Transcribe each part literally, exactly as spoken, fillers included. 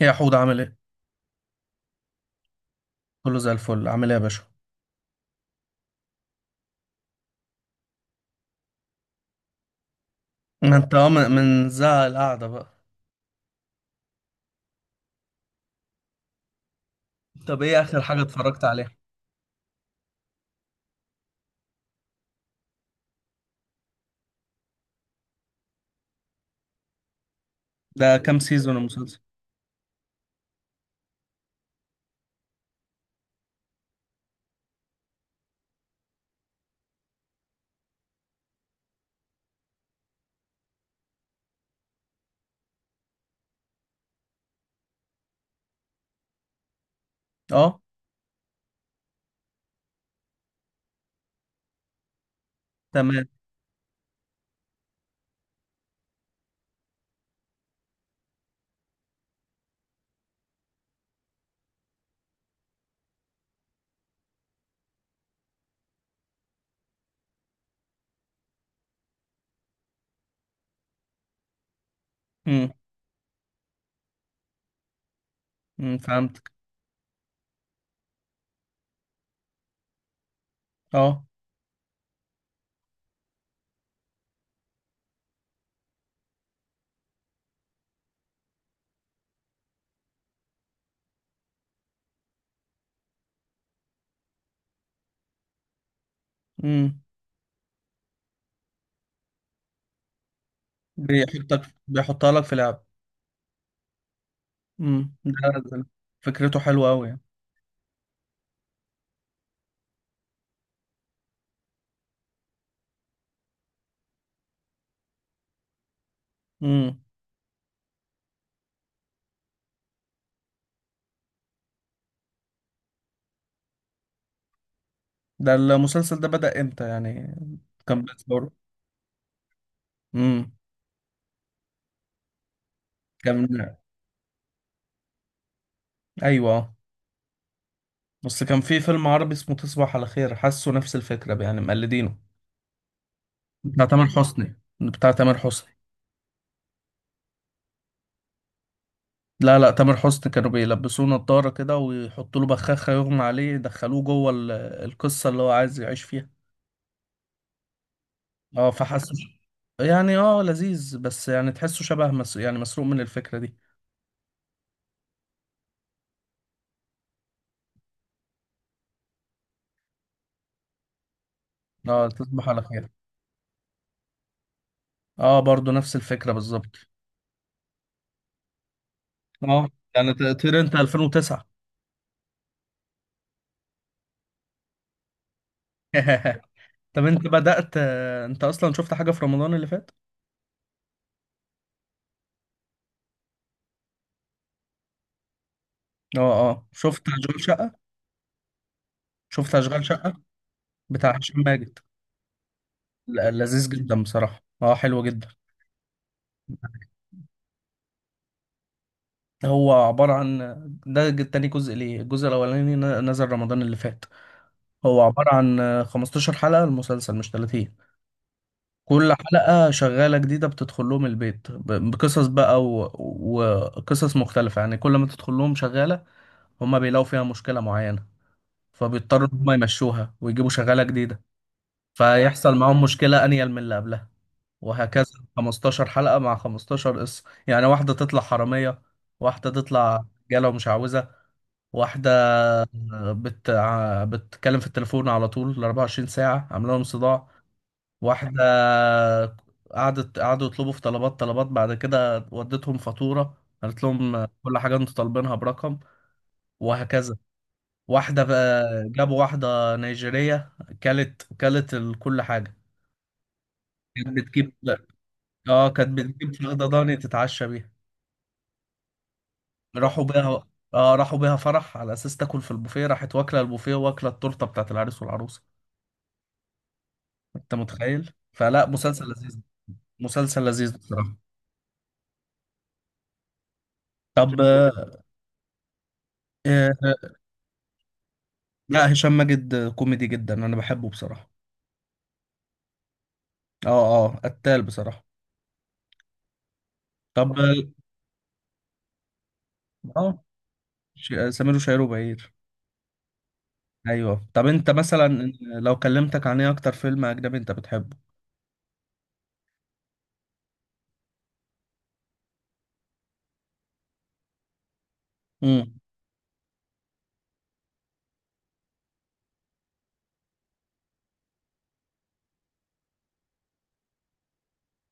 يا حود عامل ايه؟ كله زي الفل عامل ايه يا باشا؟ ما انت اه من من زهق القعدة بقى. طب ايه اخر حاجة اتفرجت عليها؟ ده كام سيزون المسلسل؟ اه، تمام. امم. أمم، فهمتك. اه. امم. بيحطك بيحطها لك في لعب. امم. ده ده فكرته حلوة قوي يعني. امم. ده المسلسل ده بدأ امتى يعني؟ كان بيتصور. امم. كان. ايوه، اه. بس كان في فيلم عربي اسمه تصبح على خير، حاسه نفس الفكرة يعني مقلدينه. بتاع تامر حسني، بتاع تامر حسني. لا لا، تامر حسني كانوا بيلبسوه نضارة كده ويحطوا له بخاخة يغمى عليه، يدخلوه جوه ال- القصة اللي هو عايز يعيش فيها. اه فحس يعني، اه لذيذ، بس يعني تحسه شبه مس... يعني مسروق من الفكرة دي. اه، تصبح على خير. اه، برضو نفس الفكرة بالظبط. اه يعني ت- طير انت ألفين وتسعة. طب، انت بدأت انت اصلا شفت حاجة في رمضان اللي فات؟ اه اه، شفت اشغال شقة؟ شفت اشغال شقة بتاع هشام ماجد؟ لا، لذيذ جدا بصراحة، اه حلو جدا. هو عبارة عن، ده ج- تاني جزء ليه، الجزء الأولاني ن- نزل رمضان اللي فات. هو عبارة عن خمس عشرة حلقة المسلسل، مش تلاتين. كل حلقة شغالة جديدة بتدخل لهم البيت ب- بقصص بقى و- وقصص مختلفة، يعني كل ما تدخل لهم شغالة هما بيلاقوا فيها مشكلة معينة، فبيضطروا إن هما يمشوها ويجيبوا شغالة جديدة، فيحصل معاهم مشكلة أنيل من اللي قبلها، وهكذا خمستاشر حلقة مع خمستاشر قصة. يعني واحدة تطلع حرامية، واحدة تطلع رجالة ومش عاوزة، واحدة بت... ع- بتتكلم في التليفون على طول ال اربعة وعشرين ساعة، عامله لهم صداع. واحدة قعدت قعدوا يطلبوا في طلبات طلبات، بعد كده وديتهم فاتورة، قالت لهم كل حاجة انتوا طالبينها برقم. وهكذا. واحدة بقى جابوا واحدة نيجيرية، كلت كلت ال- كل حاجة، كانت بتجيب اه كانت بتجيب فخدة ضاني تتعشى بيها. راحوا بيها اه راحوا بيها فرح على اساس تاكل في البوفيه، راحت واكله البوفيه واكله التورته بتاعت العريس والعروسه. انت متخيل؟ فلا، مسلسل لذيذ، مسلسل لذيذ بصراحة. طب شكله. آه، آه، لا، هشام ماجد كوميدي جدا، انا بحبه بصراحة. اه اه، قتال بصراحة. طب. آه. اه، آه، ش- سمير وشهير وبهير. ايوه. طب انت مثلا، آه، لو كلمتك عن ايه اكتر فيلم اجنبي انت بتحبه؟ امم.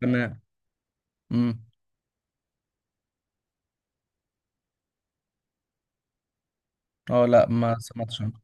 تمام. امم. اه، لا ما سمعتش عنه.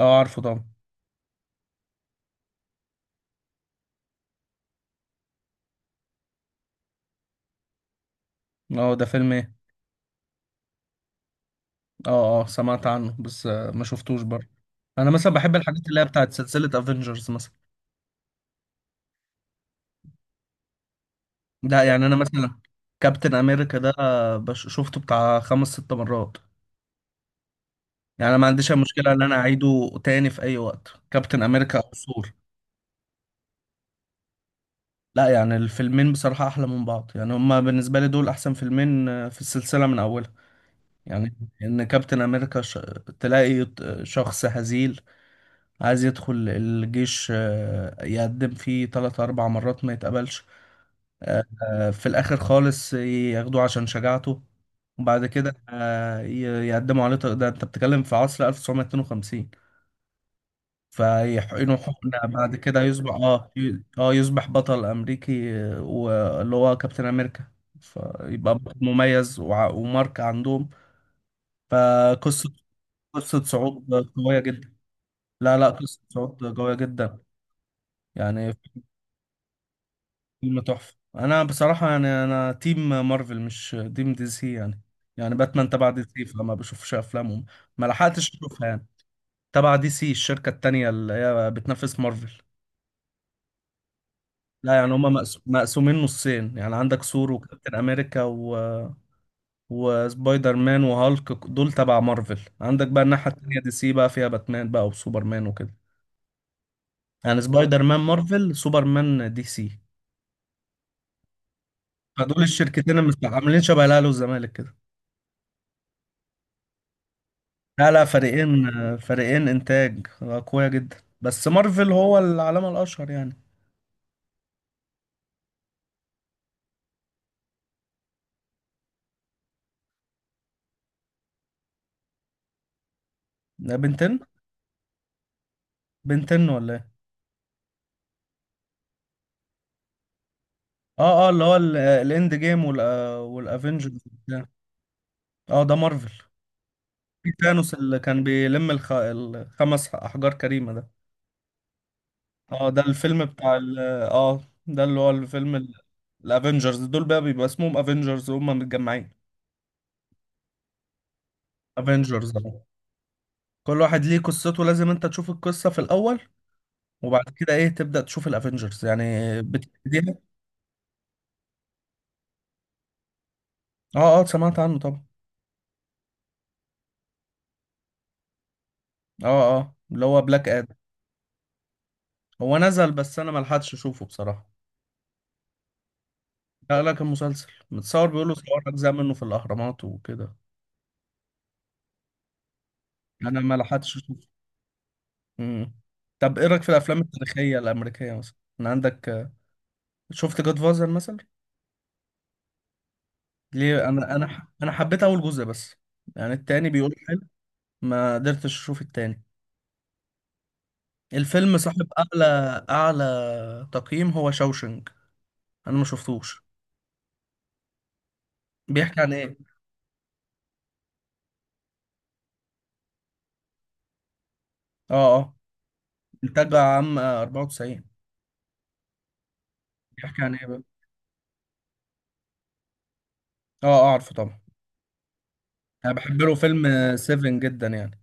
اه، عارفه طبعا. اه، ده فيلم ايه؟ اه اه، سمعت عنه بس آه، ما شفتوش برضه. انا مثلا بحب الحاجات اللي هي بتاعت سلسلة افنجرز مثلا. لا يعني انا مثلا كابتن امريكا ده بش- شفته بتاع خمس ست مرات. يعني انا ما عنديش أي مشكله ان انا اعيده تاني في اي وقت، كابتن امريكا او ثور. لا يعني الفيلمين بصراحه احلى من بعض، يعني هما بالنسبه لي دول احسن فيلمين آه، في السلسله من اولها. يعني ان كابتن امريكا ش... تلاقي ت- شخص هزيل عايز يدخل الجيش، آه، يقدم فيه تلات اربع مرات ما يتقبلش. آه، في الآخر خالص ياخدوه عشان شجاعته. وبعد كده آه، ي- يقدموا عليه تق- ده أنت بتتكلم في عصر ألف وتسعمية اتنين وخمسين. فيحقنوا حقنة بعد كده، يصبح اه ي- اه يصبح بطل أمريكي، آه، واللي هو كابتن أمريكا، فيبقى بطل مميز وع- وماركة عندهم. فقصة قصة صعود قوية جدا. لا لا، قصة صعود قوية جدا، يعني فيلم تحفة. انا بصراحة يعني انا تيم مارفل مش تيم دي سي يعني. يعني باتمان تبع دي سي، فما بشوفش افلامهم، ما لحقتش اشوفها يعني. تبع دي سي الشركة التانية اللي هي بتنافس مارفل. لا يعني هما مقس- مقسومين نصين، يعني عندك ثور وكابتن امريكا و... وسبايدر مان وهالك دول تبع مارفل، عندك بقى الناحية التانية دي سي بقى فيها باتمان بقى وسوبرمان وكده. يعني سبايدر مان مارفل، سوبرمان دي سي. فدول الشركتين، اللي مش عاملين شبه الاهلي والزمالك كده؟ لا لا، فريقين، فريقين انتاج قوية جدا، بس مارفل هو العلامة الاشهر يعني. ده بنتين؟ بنتين ولا ايه؟ اه اه، اللي هو ال- الاند جيم وال- والافنجرز وبتاع. اه، ده مارفل. في ثانوس اللي كان بيلم الخ... الخمس احجار كريمة ده. اه ده الفيلم بتاع ال... اه ده اللي هو الفيلم ال... الافنجرز دول بقى بيبقى اسمهم افنجرز وهم متجمعين. افنجرز كل واحد ليه قصته، لازم انت تشوف القصة في الاول، وبعد كده ايه تبدأ تشوف الافنجرز يعني، بتبتديها. اه اه، سمعت عنه طبعا. اه اه، اللي هو بلاك ادم. هو نزل، بس انا ملحقتش اشوفه بصراحة. لا لا، كان مسلسل متصور، بيقولوا صور اجزاء منه في الاهرامات وكده. انا ملحقتش اشوفه. امم. طب ايه رايك في الافلام التاريخية الامريكية مثلا؟ انا عندك شفت جاد فازر مثلا؟ ليه؟ انا انا انا حبيت اول جزء بس. يعني التاني بيقول حلو، ما قدرتش اشوف التاني. الفيلم صاحب اعلى اعلى تقييم هو شوشنج، انا ما شفتوش. بيحكي عن ايه؟ اه اه، انتاج عام اربعة وتسعين. بيحكي عن ايه بقى؟ اه، آه، اعرفه طبعا. انا بحب له فيلم آه، سيفن جدا يعني.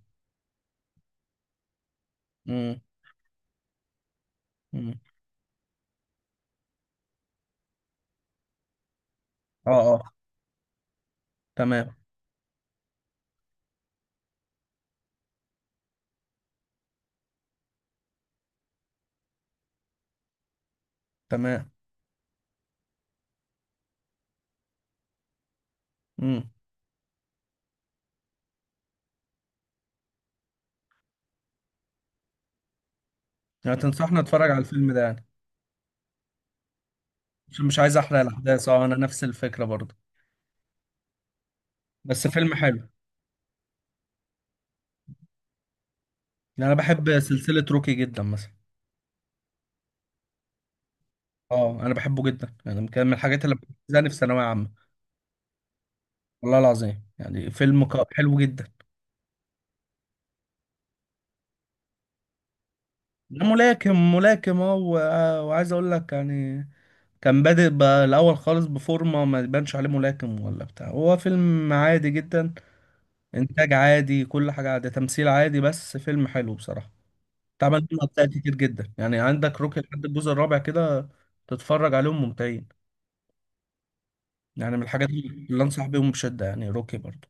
امم. أمم. اه اه، تمام تمام. امم. يعني تنصحنا اتفرج على الفيلم ده يعني؟ عشان مش عايز احرق الاحداث. اه، انا نفس الفكره برضه. بس فيلم حلو. يعني انا بحب سلسله روكي جدا مثلا. اه، انا بحبه جدا، يعني كان من الحاجات اللي بتزاني في ثانويه عامه. والله العظيم، يعني فيلم ق- حلو جدا. ده ملاكم، ملاكم اه و- آه، وعايز اقول لك يعني، كان بادئ بقى الأول خالص بفورمة ما يبانش عليه ملاكم ولا بتاع. هو فيلم عادي جدا، إنتاج عادي، كل حاجة عادي، تمثيل عادي، بس فيلم حلو بصراحة. اتعمل منه أجزاء كتير جدا، يعني عندك روكي لحد الجزء الرابع كده، تتفرج عليهم ممتعين. يعني من الحاجات اللي أنصح بيهم بشدة يعني روكي برضو.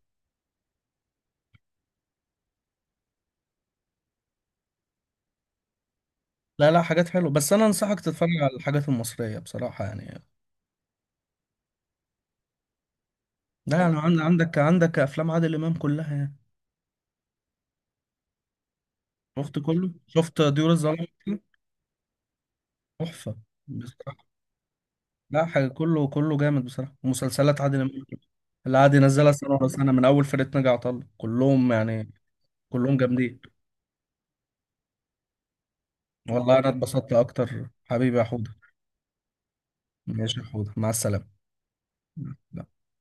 لا لا، حاجات حلوة، بس أنا أنصحك تتفرج على الحاجات المصرية بصراحة يعني. لا يعني عن- عندك عندك أفلام عادل إمام كلها يعني. شفت كله، شفت طيور الظلام؟ تحفة. لا حاجة، كله كله جامد بصراحة، ومسلسلات عادل إمام اللي عادي نزلها سنة ورا سنة من أول فرقة ناجي عطا الله كلهم يعني، كلهم جامدين. والله أنا اتبسطت أكتر حبيبي يا حوده. ماشي يا حوده، مع السلامة. لا.